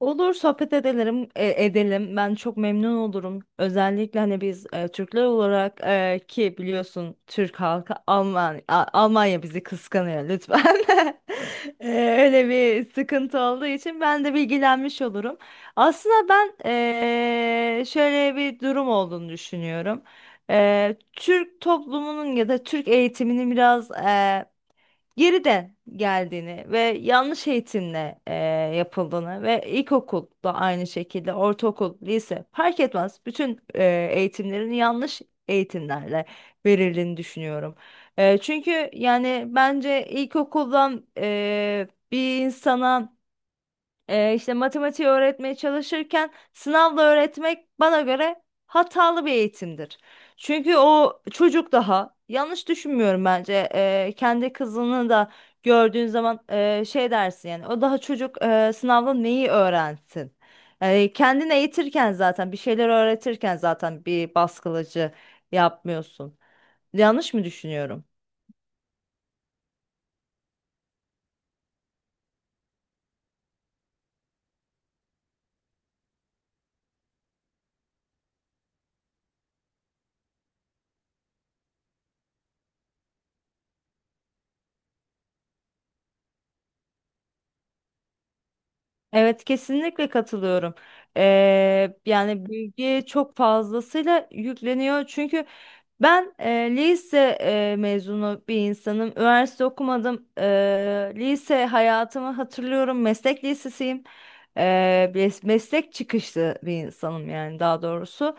Olur sohbet edelim, edelim. Ben çok memnun olurum. Özellikle hani biz Türkler olarak ki biliyorsun Türk halkı Almanya bizi kıskanıyor lütfen. E, Öyle bir sıkıntı olduğu için ben de bilgilenmiş olurum. Aslında ben şöyle bir durum olduğunu düşünüyorum. Türk toplumunun ya da Türk eğitiminin biraz geriden geldiğini ve yanlış eğitimle yapıldığını ve ilkokul da aynı şekilde ortaokul, lise fark etmez bütün eğitimlerin yanlış eğitimlerle verildiğini düşünüyorum. Çünkü yani bence ilkokuldan bir insana işte matematiği öğretmeye çalışırken sınavla öğretmek bana göre hatalı bir eğitimdir. Çünkü o çocuk daha yanlış düşünmüyorum bence. Kendi kızını da gördüğün zaman şey dersin yani o daha çocuk, sınavla neyi öğrensin? Yani kendini eğitirken zaten bir şeyler öğretirken zaten bir baskılıcı yapmıyorsun. Yanlış mı düşünüyorum? Evet, kesinlikle katılıyorum. Yani bilgi çok fazlasıyla yükleniyor. Çünkü ben lise mezunu bir insanım. Üniversite okumadım. Lise hayatımı hatırlıyorum. Meslek lisesiyim. Meslek çıkışlı bir insanım yani daha doğrusu.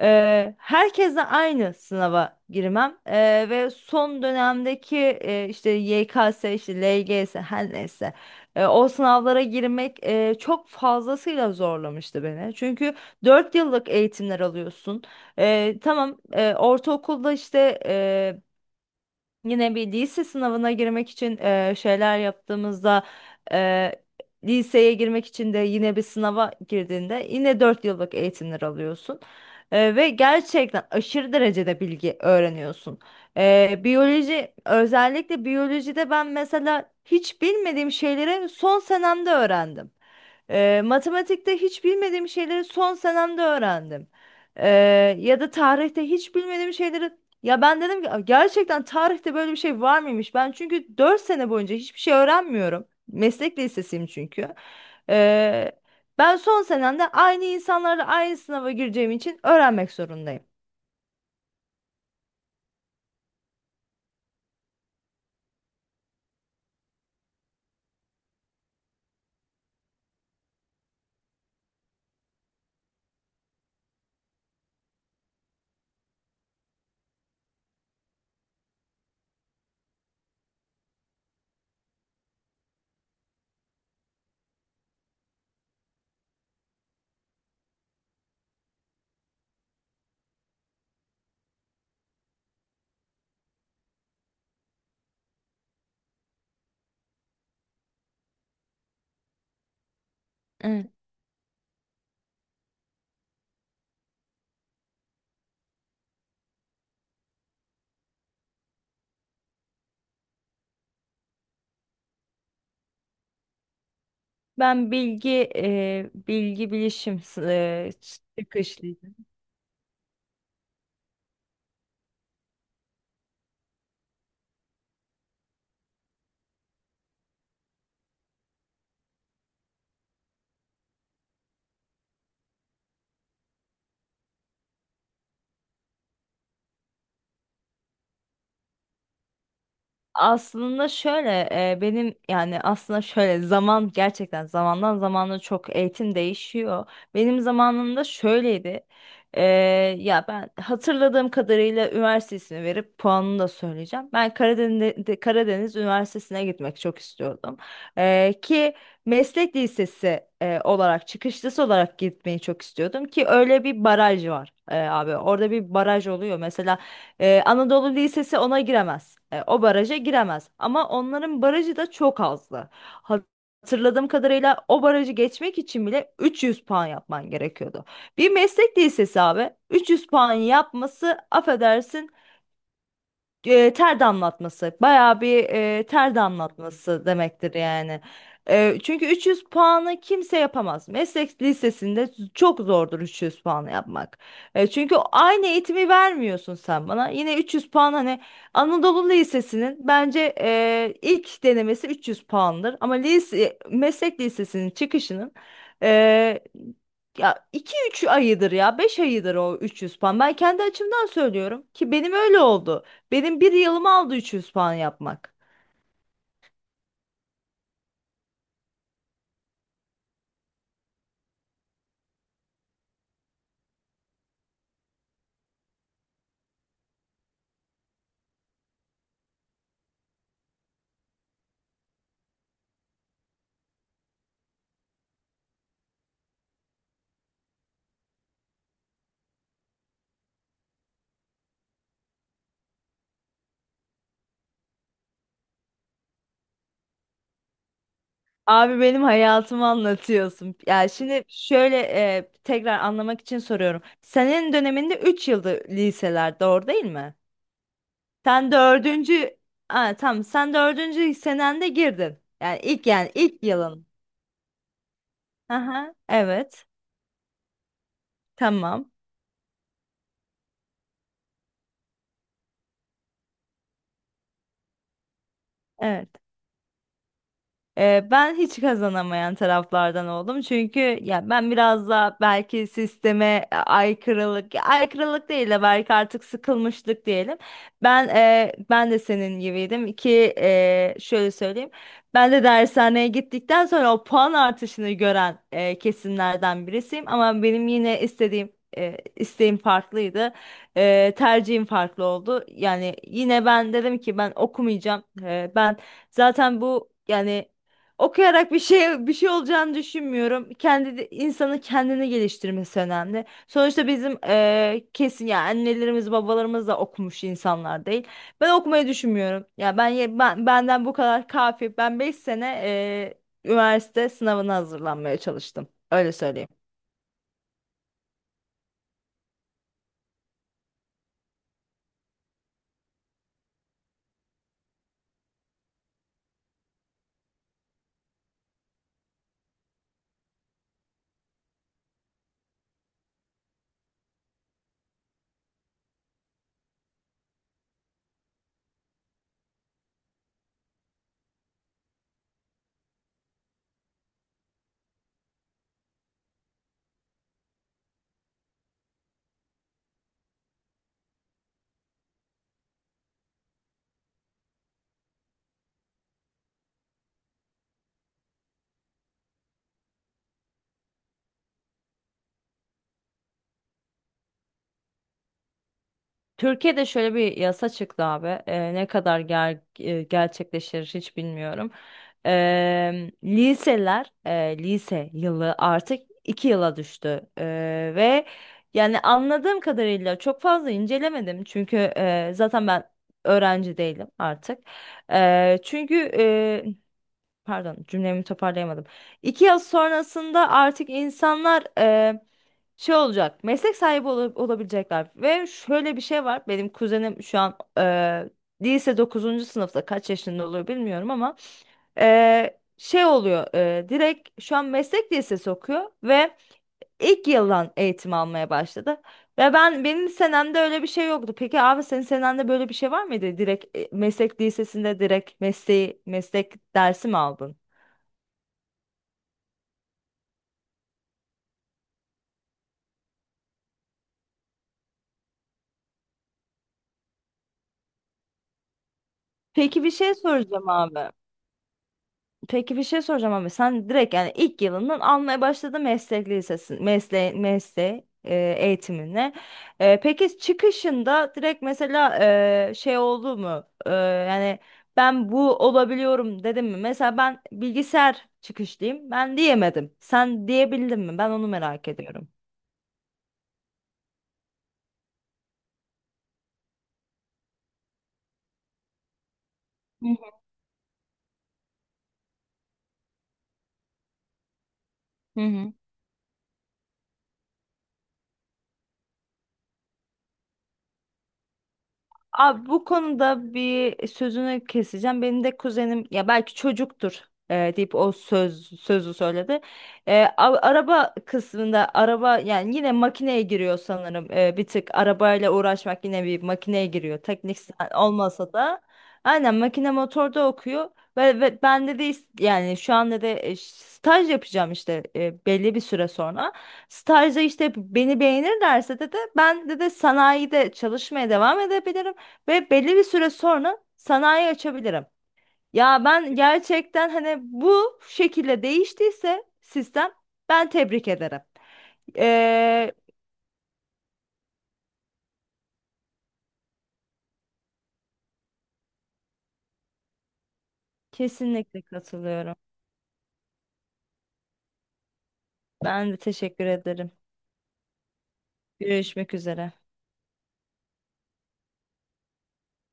Herkesle aynı sınava girmem. Ve son dönemdeki işte YKS, işte LGS her neyse. O sınavlara girmek çok fazlasıyla zorlamıştı beni. Çünkü 4 yıllık eğitimler alıyorsun. Tamam, ortaokulda işte yine bir lise sınavına girmek için şeyler yaptığımızda, e, liseye girmek için de yine bir sınava girdiğinde yine 4 yıllık eğitimler alıyorsun. Ve gerçekten aşırı derecede bilgi öğreniyorsun. Biyoloji, özellikle biyolojide ben mesela hiç bilmediğim şeyleri son senemde öğrendim. Matematikte hiç bilmediğim şeyleri son senemde öğrendim. E, Ya da tarihte hiç bilmediğim şeyleri, ya ben dedim ki "Aa, gerçekten tarihte böyle bir şey var mıymış?" Ben çünkü 4 sene boyunca hiçbir şey öğrenmiyorum. Meslek lisesiyim çünkü. Ee, Ben son senemde aynı insanlarla aynı sınava gireceğim için öğrenmek zorundayım. Evet. Ben bilgi bilişim e, çıkışlı. Aslında şöyle, benim yani aslında şöyle zaman gerçekten zamandan zamana çok eğitim değişiyor. Benim zamanımda şöyleydi. E, Ya ben hatırladığım kadarıyla üniversite ismi verip puanını da söyleyeceğim. Ben Karadeniz Üniversitesi'ne gitmek çok istiyordum. Ki meslek lisesi olarak çıkışlısı olarak gitmeyi çok istiyordum ki öyle bir baraj var abi. Orada bir baraj oluyor. Mesela Anadolu Lisesi ona giremez. O baraja giremez. Ama onların barajı da çok azdı. Hatırladığım kadarıyla o barajı geçmek için bile 300 puan yapman gerekiyordu. Bir meslek lisesi abi 300 puan yapması, affedersin, ter damlatması. Bayağı bir ter damlatması demektir yani. Çünkü 300 puanı kimse yapamaz. Meslek lisesinde çok zordur 300 puanı yapmak. Çünkü aynı eğitimi vermiyorsun sen bana. Yine 300 puan, hani Anadolu Lisesi'nin bence ilk denemesi 300 puandır. Ama lise, meslek lisesinin çıkışının e, ya 2-3 ayıdır ya 5 ayıdır o 300 puan. Ben kendi açımdan söylüyorum ki benim öyle oldu. Benim bir yılımı aldı 300 puan yapmak. Abi benim hayatımı anlatıyorsun. Yani şimdi şöyle, tekrar anlamak için soruyorum. Senin döneminde 3 yıldı liseler, doğru değil mi? Sen dördüncü Aa, tamam, sen dördüncü senende girdin. Yani ilk yılın. Aha, evet, tamam. Evet. Ben hiç kazanamayan taraflardan oldum. Çünkü ya ben biraz da belki sisteme aykırılık, ya aykırılık değil de belki artık sıkılmışlık diyelim. Ben de senin gibiydim ki, şöyle söyleyeyim. Ben de dershaneye gittikten sonra o puan artışını gören kesimlerden birisiyim. Ama benim yine istediğim, isteğim farklıydı. Tercihim farklı oldu. Yani yine ben dedim ki ben okumayacağım. Ben zaten bu yani okuyarak bir şey olacağını düşünmüyorum. İnsanın kendini geliştirmesi önemli. Sonuçta bizim kesin ya annelerimiz babalarımız da okumuş insanlar değil. Ben okumayı düşünmüyorum. Ben, benden bu kadar kafi. Ben 5 sene üniversite sınavına hazırlanmaya çalıştım. Öyle söyleyeyim. Türkiye'de şöyle bir yasa çıktı abi. Ne kadar gerçekleşir hiç bilmiyorum. Lise yılı artık iki yıla düştü. Ve yani anladığım kadarıyla çok fazla incelemedim. Çünkü zaten ben öğrenci değilim artık. Ee, çünkü e, Pardon, cümlemi toparlayamadım. İki yıl sonrasında artık insanlar şey olacak, meslek sahibi olabilecekler ve şöyle bir şey var, benim kuzenim şu an lise dokuzuncu sınıfta, kaç yaşında oluyor bilmiyorum ama şey oluyor, direkt şu an meslek lisesi okuyor ve ilk yıldan eğitim almaya başladı ve ben, benim senemde öyle bir şey yoktu. Peki abi senin senende böyle bir şey var mıydı, direkt meslek lisesinde direkt meslek dersi mi aldın? Peki bir şey soracağım abi. Peki bir şey soracağım, ama sen direkt yani ilk yılından almaya başladın meslek lisesi mesleği eğitimine. Peki çıkışında direkt mesela şey oldu mu? Yani ben bu olabiliyorum dedim mi? Mesela ben bilgisayar çıkışlıyım. Ben diyemedim. Sen diyebildin mi? Ben onu merak ediyorum. Hı hı. Hı hı. Abi bu konuda bir sözünü keseceğim. Benim de kuzenim ya belki çocuktur deyip o sözü söyledi. Araba kısmında, araba yani yine makineye giriyor sanırım. Bir tık arabayla uğraşmak yine bir makineye giriyor. Olmasa da aynen makine motorda okuyor. Ve ben de yani şu anda da staj yapacağım işte belli bir süre sonra. Stajda işte beni beğenirlerse de ben de sanayide çalışmaya devam edebilirim ve belli bir süre sonra sanayi açabilirim. Ya ben gerçekten hani bu şekilde değiştiyse sistem ben tebrik ederim. Ee, Kesinlikle katılıyorum. Ben de teşekkür ederim. Görüşmek üzere.